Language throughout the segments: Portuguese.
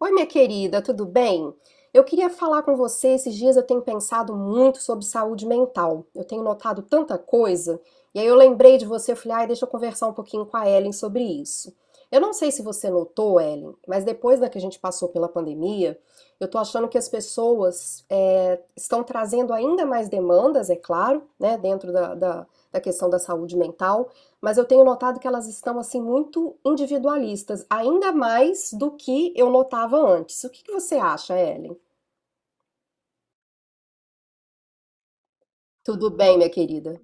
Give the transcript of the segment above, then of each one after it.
Oi, minha querida, tudo bem? Eu queria falar com você. Esses dias eu tenho pensado muito sobre saúde mental. Eu tenho notado tanta coisa, e aí eu lembrei de você, eu falei, ai, deixa eu conversar um pouquinho com a Ellen sobre isso. Eu não sei se você notou, Ellen, mas depois da que a gente passou pela pandemia, eu tô achando que as pessoas estão trazendo ainda mais demandas, é claro, né, dentro da questão da saúde mental, mas eu tenho notado que elas estão assim muito individualistas, ainda mais do que eu notava antes. O que que você acha, Ellen? Tudo bem, minha querida?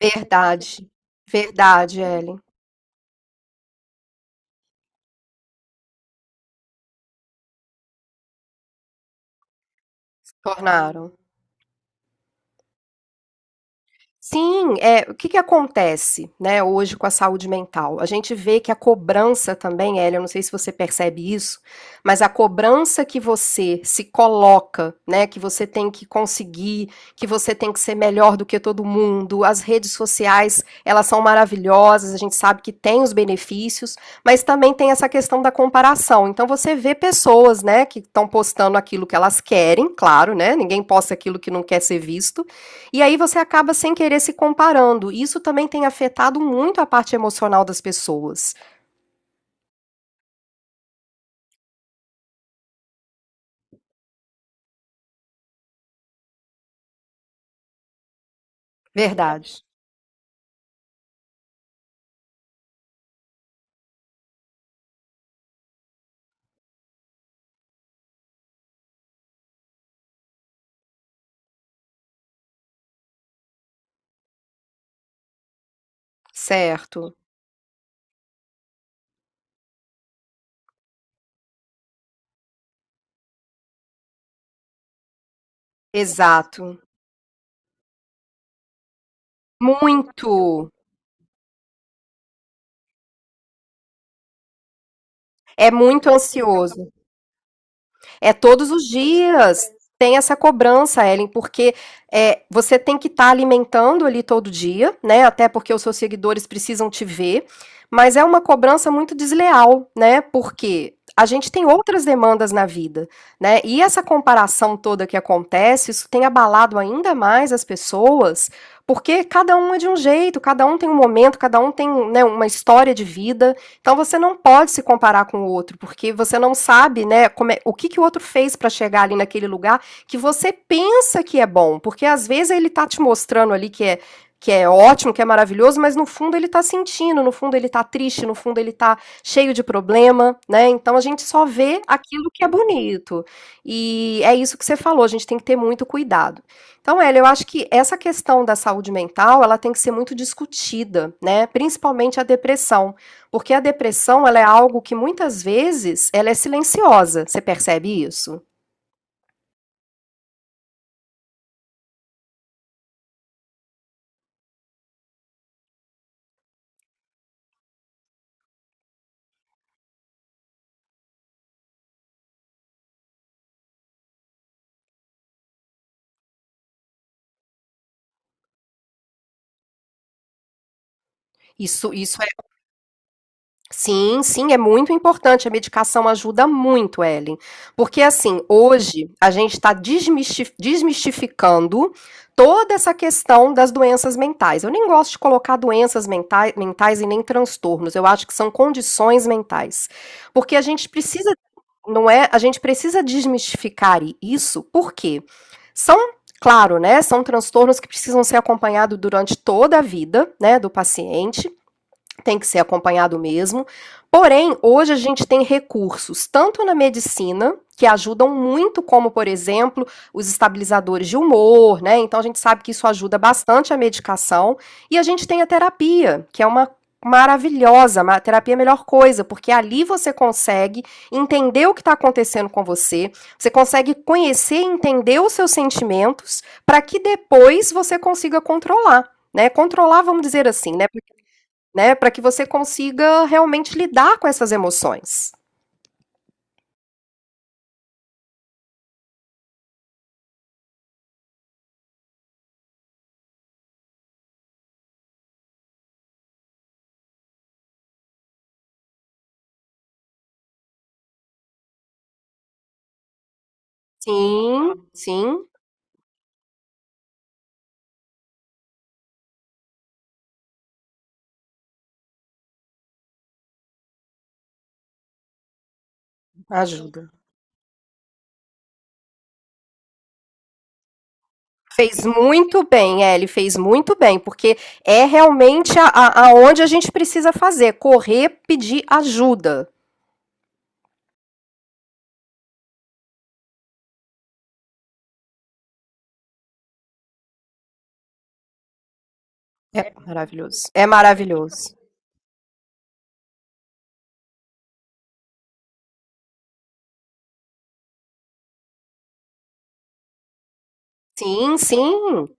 Verdade, verdade, Ellen. Tornaram. Sim, o que que acontece, né, hoje com a saúde mental? A gente vê que a cobrança também, Hélio, eu não sei se você percebe isso, mas a cobrança que você se coloca, né, que você tem que conseguir, que você tem que ser melhor do que todo mundo, as redes sociais, elas são maravilhosas, a gente sabe que tem os benefícios, mas também tem essa questão da comparação. Então você vê pessoas, né, que estão postando aquilo que elas querem, claro, né, ninguém posta aquilo que não quer ser visto, e aí você acaba sem querer se comparando. Isso também tem afetado muito a parte emocional das pessoas. Verdade. Certo. Exato. Muito. É muito ansioso. É todos os dias. Tem essa cobrança, Ellen, porque você tem que estar alimentando ali todo dia, né? Até porque os seus seguidores precisam te ver. Mas é uma cobrança muito desleal, né? Porque a gente tem outras demandas na vida, né? E essa comparação toda que acontece, isso tem abalado ainda mais as pessoas, porque cada um é de um jeito, cada um tem um momento, cada um tem, né, uma história de vida. Então você não pode se comparar com o outro, porque você não sabe, né, como é, o que, que o outro fez para chegar ali naquele lugar que você pensa que é bom, porque às vezes ele tá te mostrando ali que é ótimo, que é maravilhoso, mas no fundo ele tá sentindo, no fundo ele tá triste, no fundo ele tá cheio de problema, né? Então a gente só vê aquilo que é bonito. E é isso que você falou, a gente tem que ter muito cuidado. Então, Ela, eu acho que essa questão da saúde mental, ela tem que ser muito discutida, né? Principalmente a depressão, porque a depressão, ela é algo que muitas vezes ela é silenciosa. Você percebe isso? Isso é. Sim, sim, é muito importante. A medicação ajuda muito, Ellen. Porque, assim, hoje a gente está desmistificando toda essa questão das doenças mentais. Eu nem gosto de colocar doenças mentais e nem transtornos. Eu acho que são condições mentais. Porque a gente precisa, não é? A gente precisa desmistificar isso, porque são. Claro, né? São transtornos que precisam ser acompanhados durante toda a vida, né, do paciente, tem que ser acompanhado mesmo. Porém, hoje a gente tem recursos tanto na medicina, que ajudam muito, como por exemplo, os estabilizadores de humor, né? Então a gente sabe que isso ajuda bastante a medicação, e a gente tem a terapia, que é uma maravilhosa, a terapia é a melhor coisa, porque ali você consegue entender o que está acontecendo com você, você consegue conhecer e entender os seus sentimentos para que depois você consiga controlar. Né, controlar, vamos dizer assim, né? Né? Para que você consiga realmente lidar com essas emoções. Sim, sim. Ajuda. Fez muito bem, Ellie, fez muito bem, porque é realmente aonde a gente precisa fazer, correr, pedir ajuda. É maravilhoso. É maravilhoso. Sim, sim.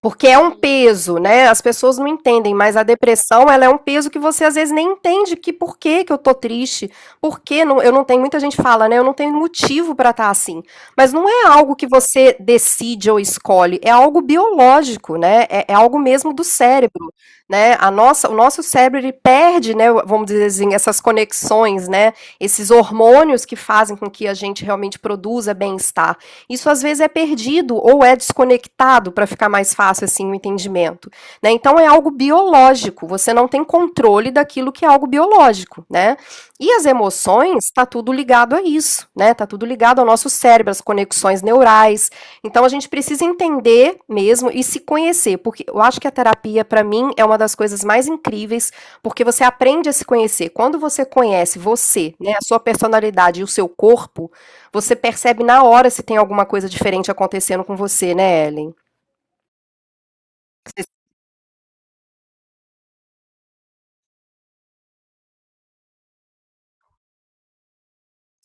Porque é um peso, né? As pessoas não entendem, mas a depressão, ela é um peso que você às vezes nem entende, que por que que eu tô triste, por que não, eu não tenho, muita gente fala, né? Eu não tenho motivo para estar assim. Mas não é algo que você decide ou escolhe, é algo biológico, né? É, é algo mesmo do cérebro, né? A nossa, o nosso cérebro, ele perde, né, vamos dizer assim, essas conexões, né? Esses hormônios que fazem com que a gente realmente produza bem-estar. Isso às vezes é perdido ou é desconectado para ficar mais fácil assim o entendimento, né? Então é algo biológico, você não tem controle daquilo que é algo biológico, né? E as emoções está tudo ligado a isso, né? Tá tudo ligado ao nosso cérebro, às conexões neurais. Então a gente precisa entender mesmo e se conhecer, porque eu acho que a terapia para mim é uma das coisas mais incríveis, porque você aprende a se conhecer. Quando você conhece você, né, a sua personalidade e o seu corpo, você percebe na hora se tem alguma coisa diferente acontecendo com você, né, Ellen?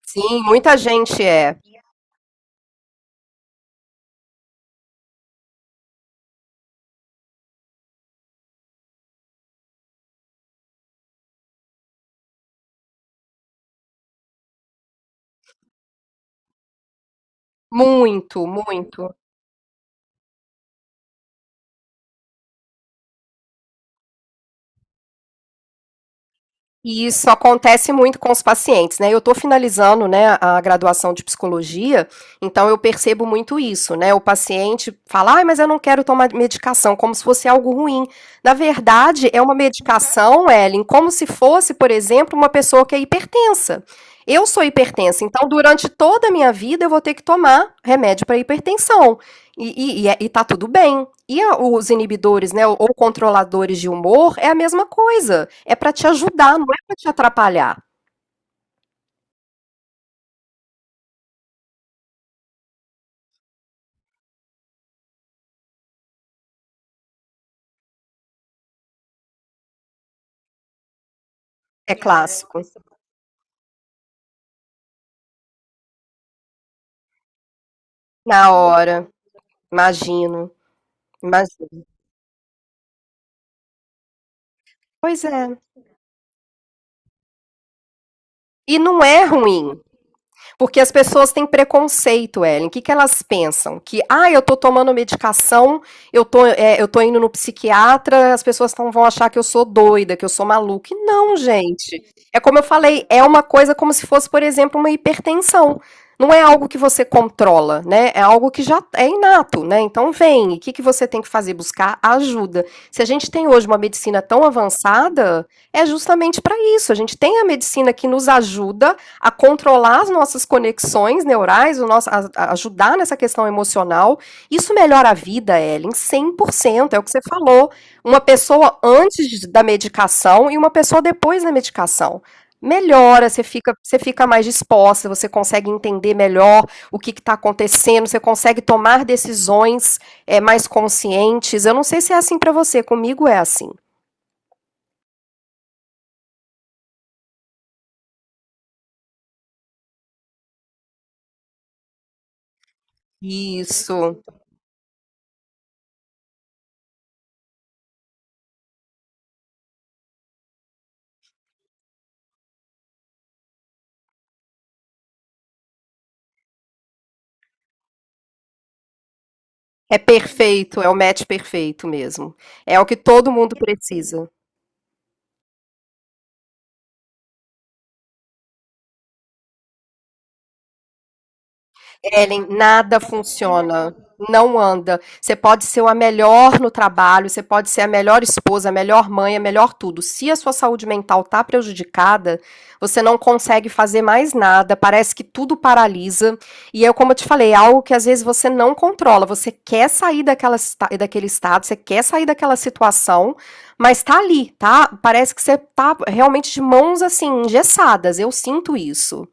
Sim, muita gente é. Muito, muito. E isso acontece muito com os pacientes, né? Eu estou finalizando, né, a graduação de psicologia, então eu percebo muito isso, né? O paciente fala, ah, mas eu não quero tomar medicação, como se fosse algo ruim. Na verdade, é uma medicação, Ellen, como se fosse, por exemplo, uma pessoa que é hipertensa. Eu sou hipertensa, então durante toda a minha vida eu vou ter que tomar remédio para hipertensão. E, tá tudo bem. E a- os inibidores, né, ou controladores de humor, é a mesma coisa. É pra te ajudar, não é pra te atrapalhar. É clássico. Na hora, imagino, imagino. Pois é. E não é ruim. Porque as pessoas têm preconceito, Ellen. O que, que elas pensam? Que, ah, eu tô tomando medicação, eu tô, eu tô indo no psiquiatra, as pessoas vão achar que eu sou doida, que eu sou maluca. E não, gente. É como eu falei, é uma coisa como se fosse, por exemplo, uma hipertensão. Não é algo que você controla, né? É algo que já é inato, né? Então vem, o que, que você tem que fazer? Buscar ajuda. Se a gente tem hoje uma medicina tão avançada, é justamente para isso. A gente tem a medicina que nos ajuda a controlar as nossas conexões neurais, o nosso, a ajudar nessa questão emocional. Isso melhora a vida, Ellen, 100% é o que você falou. Uma pessoa antes da medicação e uma pessoa depois da medicação. Melhora, você fica mais disposta, você consegue entender melhor o que está acontecendo, você consegue tomar decisões mais conscientes. Eu não sei se é assim para você, comigo é assim. Isso. É perfeito, é o match perfeito mesmo. É o que todo mundo precisa. Ellen, nada funciona. Não anda. Você pode ser a melhor no trabalho, você pode ser a melhor esposa, a melhor mãe, a melhor tudo. Se a sua saúde mental tá prejudicada, você não consegue fazer mais nada, parece que tudo paralisa. E é como eu te falei, é algo que às vezes você não controla. Você quer sair daquela, daquele estado, você quer sair daquela situação, mas tá ali, tá? Parece que você tá realmente de mãos assim, engessadas. Eu sinto isso.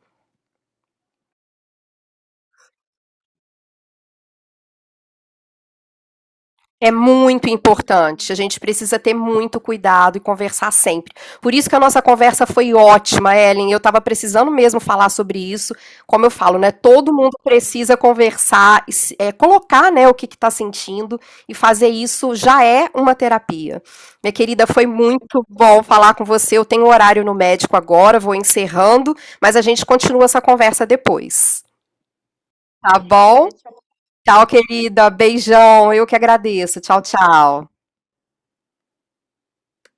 É muito importante. A gente precisa ter muito cuidado e conversar sempre. Por isso que a nossa conversa foi ótima, Ellen. Eu estava precisando mesmo falar sobre isso. Como eu falo, né? Todo mundo precisa conversar, é, colocar, né, o que está sentindo e fazer isso já é uma terapia. Minha querida, foi muito bom falar com você. Eu tenho horário no médico agora, vou encerrando, mas a gente continua essa conversa depois. Tá bom? Tchau, querida. Beijão. Eu que agradeço. Tchau, tchau.